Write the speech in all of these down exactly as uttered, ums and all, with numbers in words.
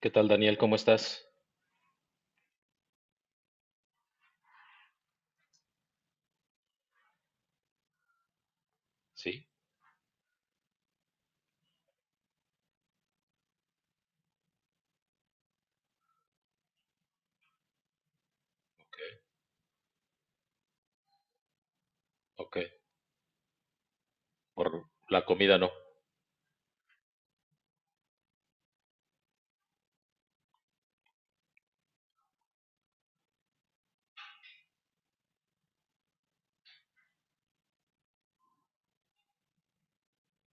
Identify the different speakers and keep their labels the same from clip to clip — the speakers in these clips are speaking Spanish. Speaker 1: ¿Qué tal, Daniel? ¿Cómo estás? Sí, ok, ok. Por la comida no.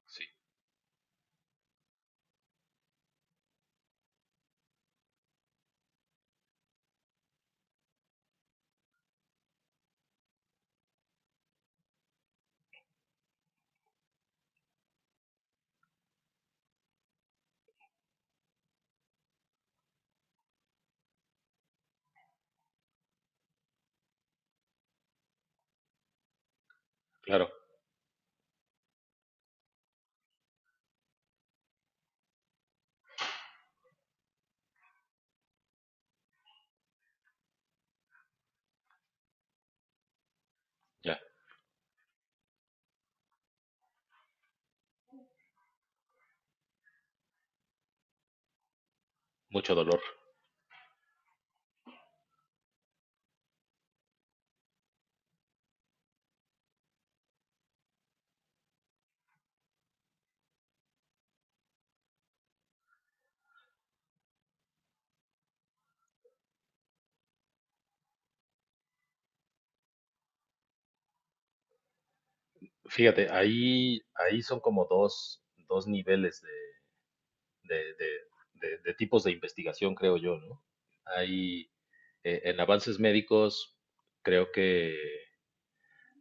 Speaker 1: Sí, claro, ya, mucho dolor. Fíjate, ahí, ahí son como dos, dos niveles de, de- de- de- de tipos de investigación, creo yo, ¿no? Hay, eh, en avances médicos, creo que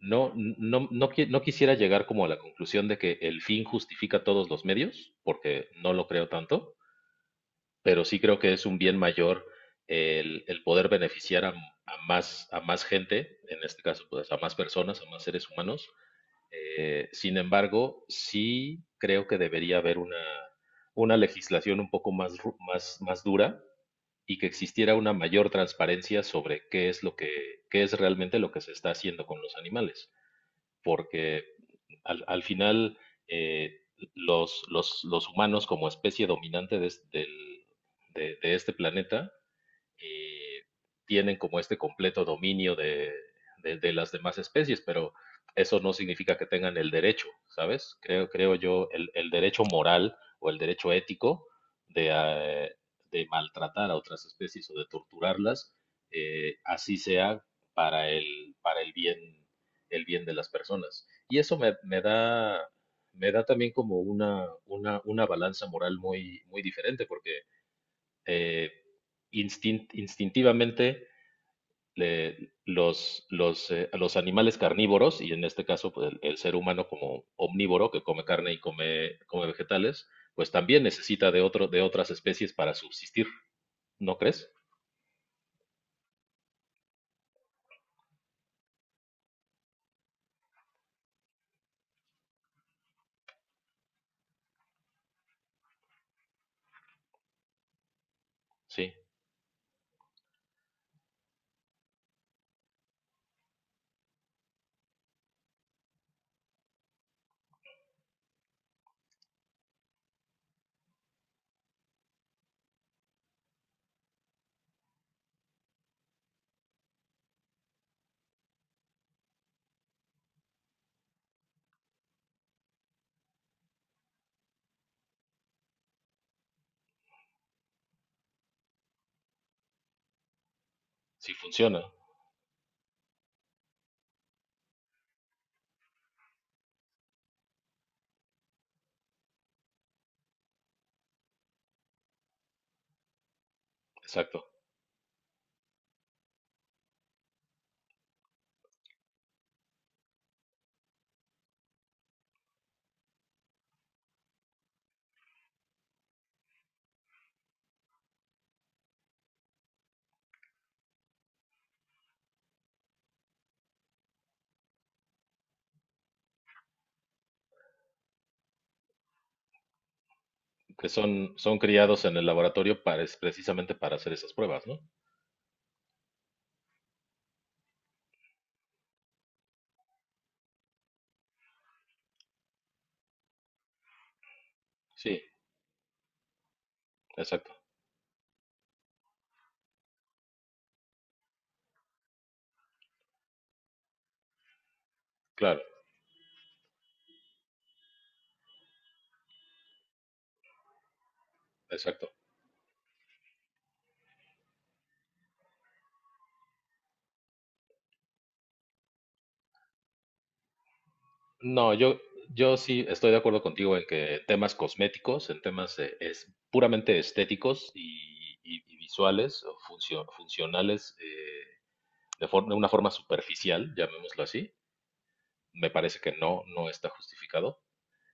Speaker 1: no, no, no, qui- no quisiera llegar como a la conclusión de que el fin justifica todos los medios, porque no lo creo tanto, pero sí creo que es un bien mayor el, el poder beneficiar a, a más, a más gente, en este caso, pues a más personas, a más seres humanos. Eh, sin embargo, sí creo que debería haber una, una legislación un poco más, ru- más, más dura y que existiera una mayor transparencia sobre qué es lo que, qué es realmente lo que se está haciendo con los animales. Porque al, al final, eh, los, los, los humanos como especie dominante de, es- de- de este planeta eh, tienen como este completo dominio de, de, de, las demás especies, pero eso no significa que tengan el derecho, ¿sabes? Creo, creo yo, el, el derecho moral o el derecho ético de, eh, de maltratar a otras especies o de torturarlas, eh, así sea para el, para el bien, el bien de las personas. Y eso me, me da, me da también como una, una, una balanza moral muy, muy diferente, porque eh, instint- instintivamente le- los, los, eh, los animales carnívoros, y en este caso pues, el, el ser humano como omnívoro que come carne y come, come vegetales, pues también necesita de, otro, de otras especies para subsistir, ¿no crees? Sí, sí funciona, exacto. Que son, son criados en el laboratorio para, es- precisamente para hacer esas pruebas, ¿no? Sí, exacto, claro, exacto. No, yo, yo sí estoy de acuerdo contigo en que temas cosméticos, en temas eh, es, puramente estéticos y, y- y visuales o funcio- funcionales eh, de, for- de una forma superficial, llamémoslo así, me parece que no, no está justificado.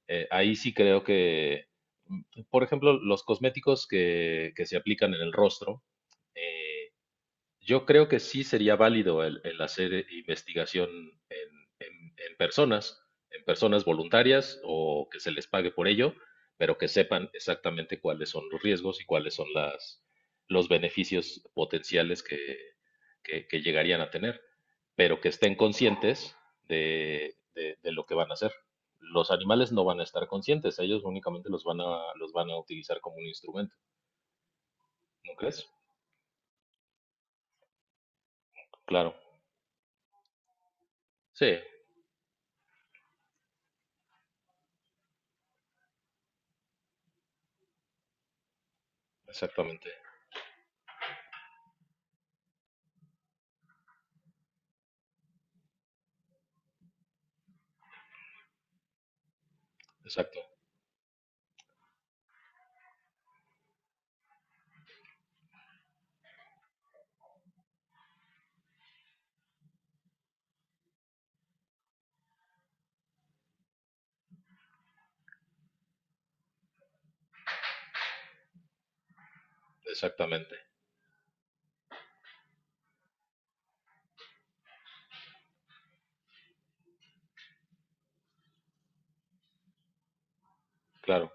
Speaker 1: Eh, ahí sí creo que, mm, por ejemplo, los cosméticos que, que se aplican en el rostro, eh, yo creo que sí sería válido el, el hacer eh, investigación en, en- en personas, en personas voluntarias o que se les pague por ello, pero que sepan exactamente cuáles son los riesgos y cuáles son las, los beneficios potenciales que, que- que llegarían a tener, pero que estén conscientes de, de- de lo que van a hacer. Los animales no van a estar conscientes, ellos únicamente los van a, los van a utilizar como un instrumento, ¿no crees? Claro. Sí, exactamente, exacto. Exactamente, claro,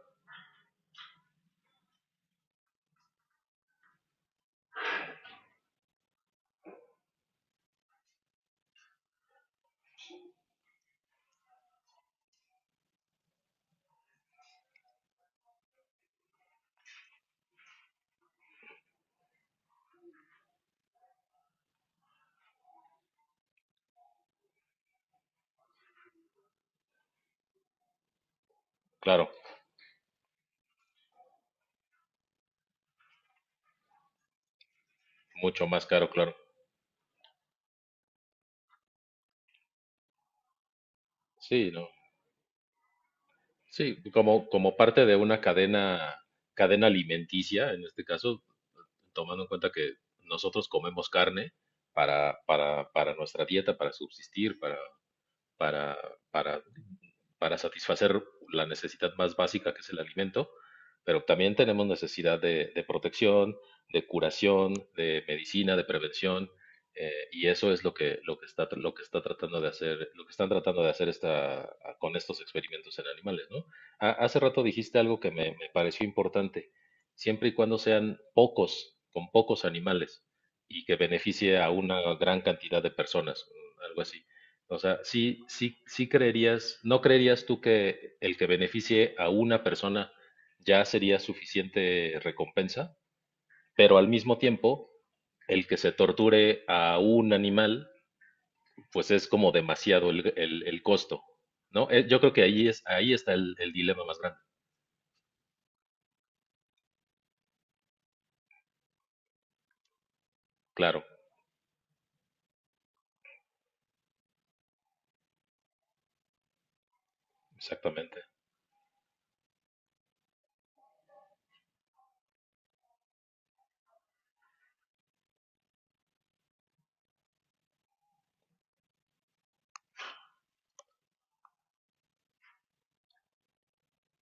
Speaker 1: claro, mucho más caro, claro. Sí, no, sí, como, como parte de una cadena, cadena alimenticia, en este caso, tomando en cuenta que nosotros comemos carne para, para, para nuestra dieta, para subsistir, para, para, para, para satisfacer la necesidad más básica que es el alimento, pero también tenemos necesidad de, de protección, de curación, de medicina, de prevención, eh, y eso es lo que, lo que está, lo que está tratando de hacer, lo que están tratando de hacer esta, con estos experimentos en animales, ¿no? Ha- hace rato dijiste algo que me, me pareció importante, siempre y cuando sean pocos, con pocos animales, y que beneficie a una gran cantidad de personas, algo así. O sea, sí, sí, sí creerías, ¿no creerías tú que el que beneficie a una persona ya sería suficiente recompensa? Pero al mismo tiempo, el que se torture a un animal, pues es como demasiado el, el- el costo, ¿no? Eh, yo creo que ahí es, ahí está el, el dilema más grande. Claro, exactamente.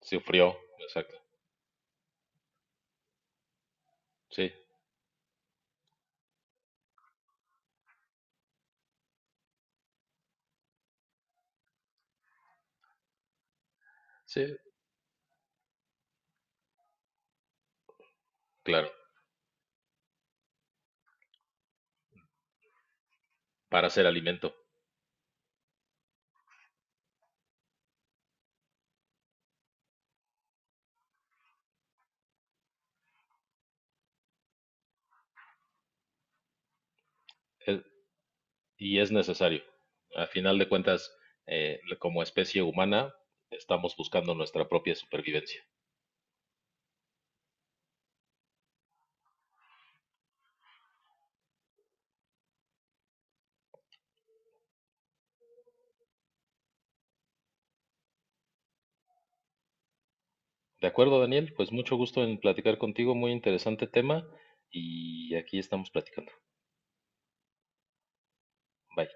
Speaker 1: Sufrió, exacto. Sí, sí, claro, para hacer alimento. Eh, y es necesario. A final de cuentas, eh, como especie humana, estamos buscando nuestra propia supervivencia. De acuerdo, Daniel, pues mucho gusto en platicar contigo, muy interesante tema y aquí estamos platicando. Bye.